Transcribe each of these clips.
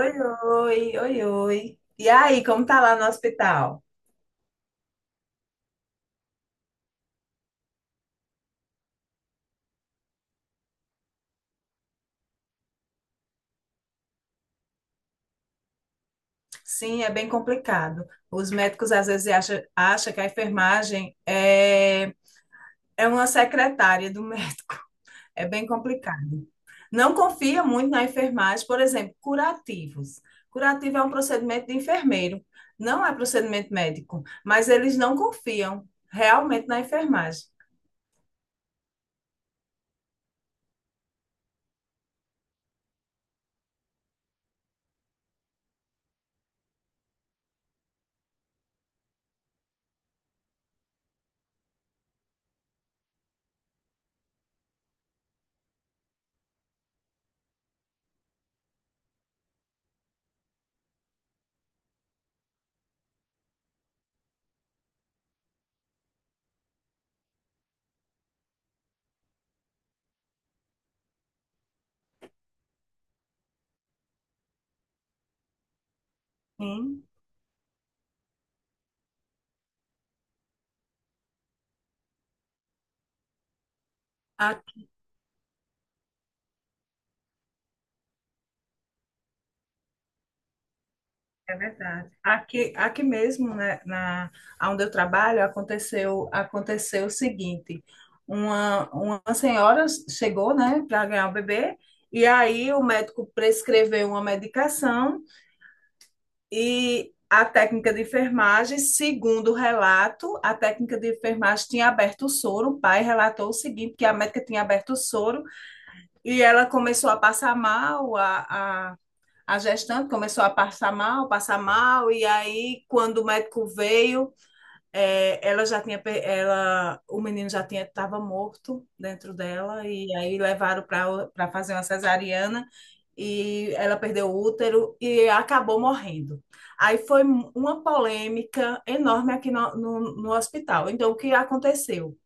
Oi, oi, oi, oi. E aí, como tá lá no hospital? Sim, é bem complicado. Os médicos às vezes acham que a enfermagem é uma secretária do médico. É bem complicado. Não confia muito na enfermagem, por exemplo, curativos. Curativo é um procedimento de enfermeiro, não é procedimento médico, mas eles não confiam realmente na enfermagem. Sim. É verdade. Aqui mesmo, né, onde eu trabalho, aconteceu o seguinte: uma senhora chegou, né, para ganhar o bebê, e aí o médico prescreveu uma medicação e a técnica de enfermagem, segundo o relato, a técnica de enfermagem tinha aberto o soro. O pai relatou o seguinte: que a médica tinha aberto o soro e ela começou a passar mal, a gestante começou a passar mal, e aí quando o médico veio, ela já o menino já estava morto dentro dela, e aí levaram para fazer uma cesariana, e ela perdeu o útero e acabou morrendo. Aí foi uma polêmica enorme aqui no hospital. Então, o que aconteceu?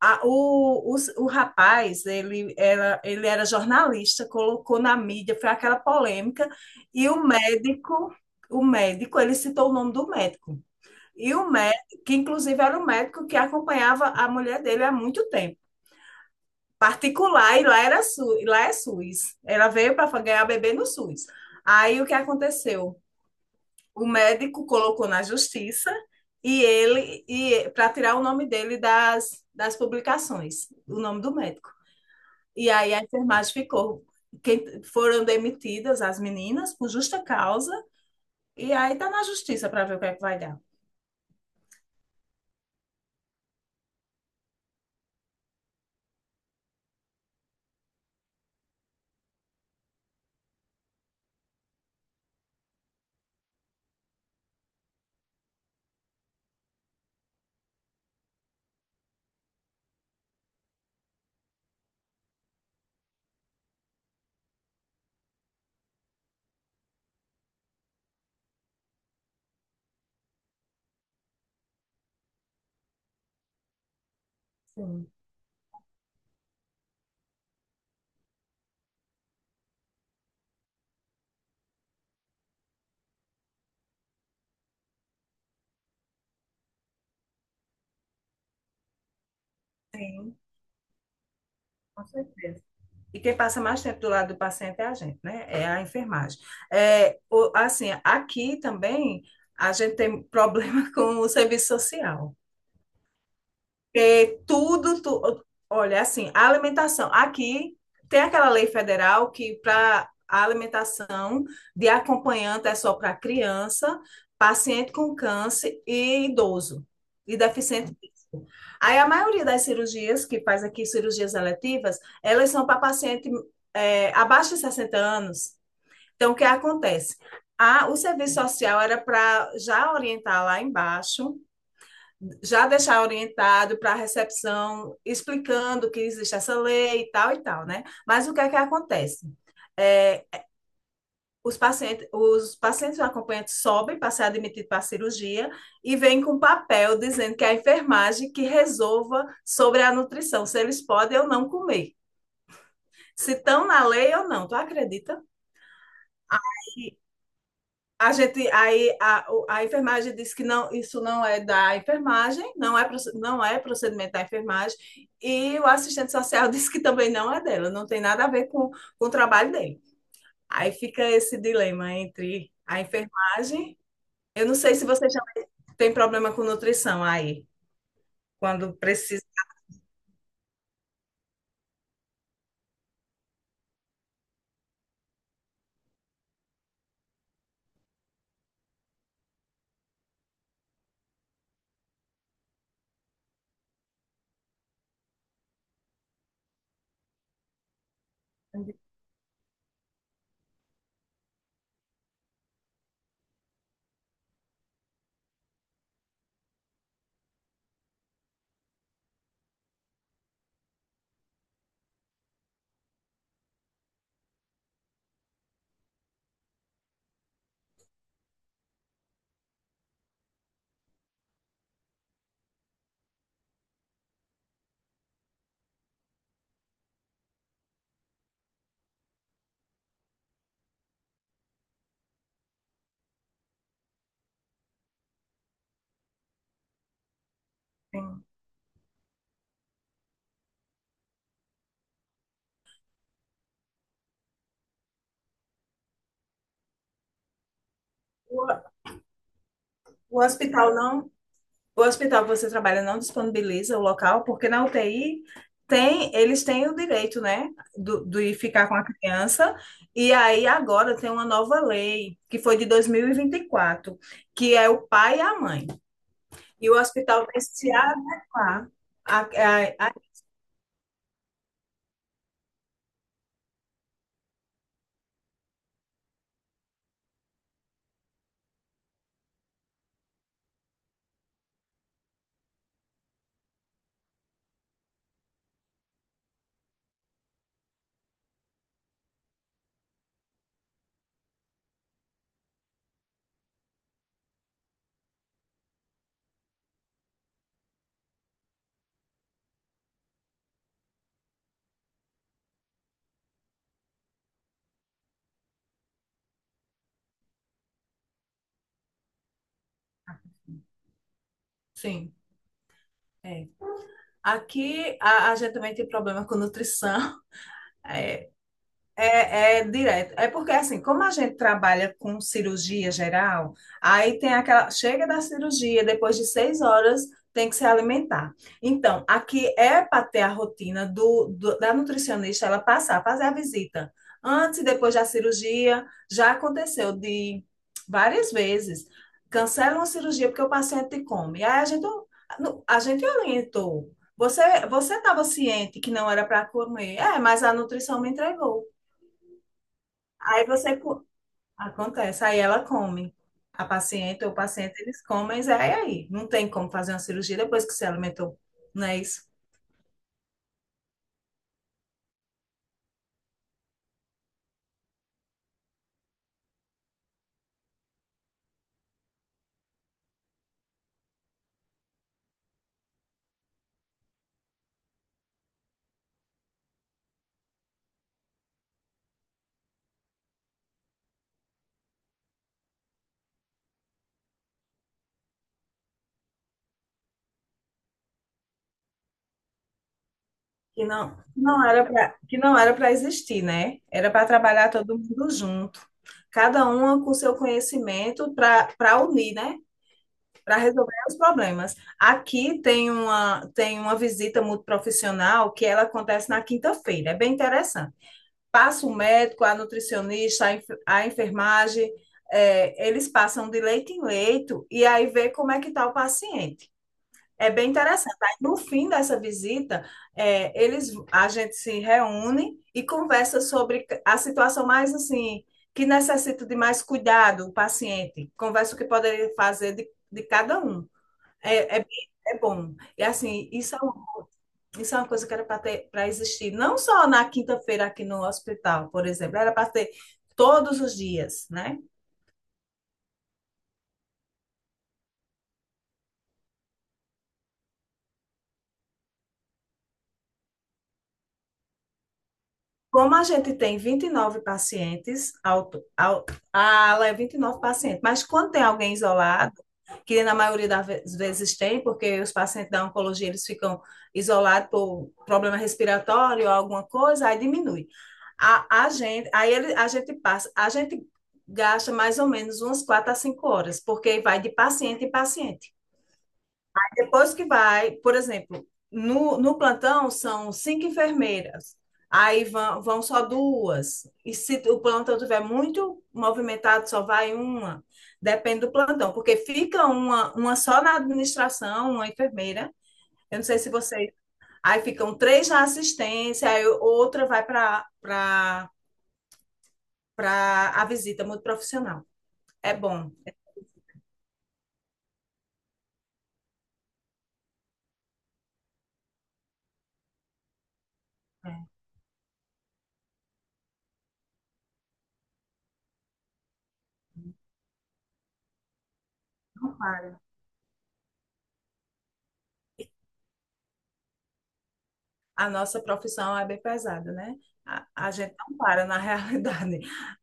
A- o, o, o rapaz, ele era jornalista, colocou na mídia, foi aquela polêmica, e o médico, ele citou o nome do médico. E o médico, que inclusive era o médico que acompanhava a mulher dele há muito tempo. Particular, e lá era SU, e lá é SUS. Ela veio para ganhar bebê no SUS. Aí o que aconteceu? O médico colocou na justiça e ele e para tirar o nome dele das publicações, o nome do médico. E aí a enfermagem ficou. Quem, foram demitidas as meninas por justa causa, e aí tá na justiça para ver o que é que vai dar. Sim. Sim, com certeza. E quem passa mais tempo do lado do paciente é a gente, né? É a enfermagem. Assim, aqui também a gente tem problema com o serviço social. É, tudo, tu- Olha, assim, a alimentação. Aqui tem aquela lei federal que para a alimentação de acompanhante é só para criança, paciente com câncer e idoso e deficiente físico. Aí a maioria das cirurgias que faz aqui, cirurgias eletivas, elas são para paciente abaixo de 60 anos. Então, o que acontece? O serviço social era para já orientar lá embaixo, já deixar orientado para a recepção, explicando que existe essa lei e tal, né? Mas o que é que acontece? É, os pacientes acompanhantes sobem para ser admitido para a cirurgia e vêm com um papel dizendo que é a enfermagem que resolva sobre a nutrição, se eles podem ou não comer, se estão na lei ou não. Tu acredita? A gente, a enfermagem disse que não, isso não é da enfermagem, não é procedimento da enfermagem, e o assistente social disse que também não é dela, não tem nada a ver com o trabalho dele. Aí fica esse dilema entre a enfermagem. Eu não sei se você já tem problema com nutrição aí quando precisa. O, o hospital não O hospital que você trabalha não disponibiliza o local, porque na UTI tem, eles têm o direito, né, de ficar com a criança. E aí agora tem uma nova lei, que foi de dois mil e vinte e quatro, que é o pai e a mãe. E o hospital tem que se adequar. A, a, a- sim, é. Aqui a gente também tem problema com nutrição. É, é direto. É porque, assim, como a gente trabalha com cirurgia geral, aí tem aquela. Chega da cirurgia, depois de 6 horas, tem que se alimentar. Então, aqui é para ter a rotina da nutricionista, ela passar, fazer a visita. Antes e depois da cirurgia, já aconteceu de várias vezes. Cancela uma cirurgia porque o paciente come. Aí a gente orientou. Você, Você estava ciente que não era para comer. É, mas a nutrição me entregou. Aí você co- Acontece, aí ela come. A paciente ou o paciente, eles comem, mas é aí. Não tem como fazer uma cirurgia depois que se alimentou, não é isso? Que não, não era para, que não era para existir, né? Era para trabalhar todo mundo junto, cada uma com seu conhecimento para unir, né? Para resolver os problemas. Aqui tem uma visita multiprofissional que ela acontece na quinta-feira, é bem interessante. Passa o médico, a nutricionista, a enfermagem, eles passam de leito em leito e aí vê como é que está o paciente. É bem interessante. Aí, no fim dessa visita, a gente se reúne e conversa sobre a situação mais assim, que necessita de mais cuidado, o paciente. Conversa o que poderia fazer de cada um. É bom. E assim, isso é uma coisa que era para existir, não só na quinta-feira aqui no hospital, por exemplo, era para ter todos os dias, né? Como a gente tem 29 pacientes, ao, a ala é 29 pacientes, mas quando tem alguém isolado, que na maioria das vezes tem, porque os pacientes da oncologia eles ficam isolados por problema respiratório ou alguma coisa, aí diminui. A gente, aí ele, a gente passa, A gente gasta mais ou menos umas 4 a 5 horas, porque vai de paciente em paciente. Depois que vai, por exemplo, no plantão são 5 enfermeiras, aí vão só duas, e se o plantão tiver muito movimentado, só vai uma, depende do plantão, porque fica uma, só na administração, uma enfermeira, eu não sei se vocês. Aí ficam três na assistência, aí outra vai para a visita muito profissional. É bom. É, não para. A nossa profissão é bem pesada, né? A gente não para na realidade.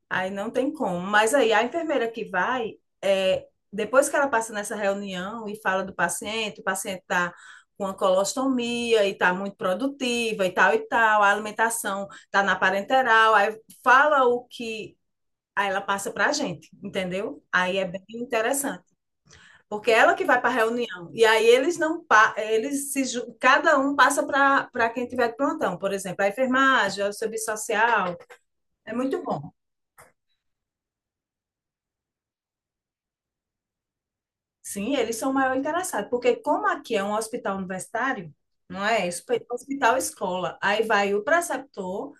Aí não tem como. Mas aí a enfermeira que vai, depois que ela passa nessa reunião e fala do paciente, o paciente está com a colostomia e está muito produtiva e tal, a alimentação está na parenteral, aí fala o que, aí ela passa para a gente, entendeu? Aí é bem interessante. Porque é ela que vai para a reunião. E aí eles não pa- eles se ju- cada um passa para quem tiver de plantão, por exemplo, a enfermagem, o serviço social. É muito bom. Sim, eles são o maior interessado, porque como aqui é um hospital universitário, não é? Isso, é hospital escola. Aí vai o preceptor,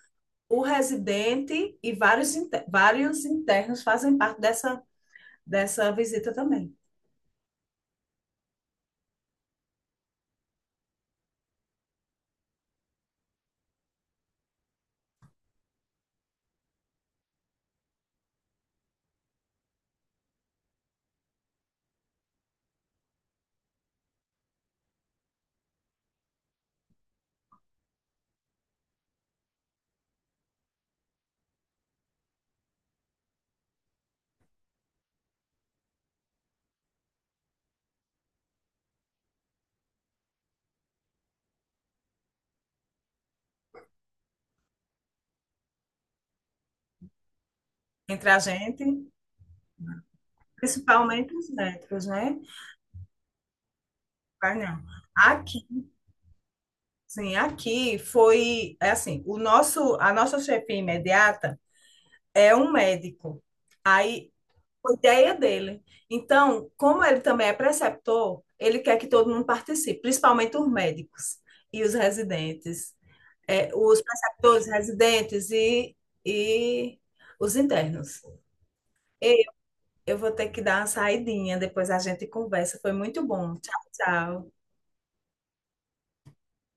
o residente e vários internos fazem parte dessa dessa visita também. Entre a gente, principalmente os médicos, né? Vai não. Aqui Sim, aqui foi é assim, o nosso, a nossa chefia imediata é um médico. Aí foi ideia dele. Então, como ele também é preceptor, ele quer que todo mundo participe, principalmente os médicos e os residentes, os preceptores, residentes e os internos. E eu vou ter que dar uma saidinha, depois a gente conversa. Foi muito bom. Tchau, tchau.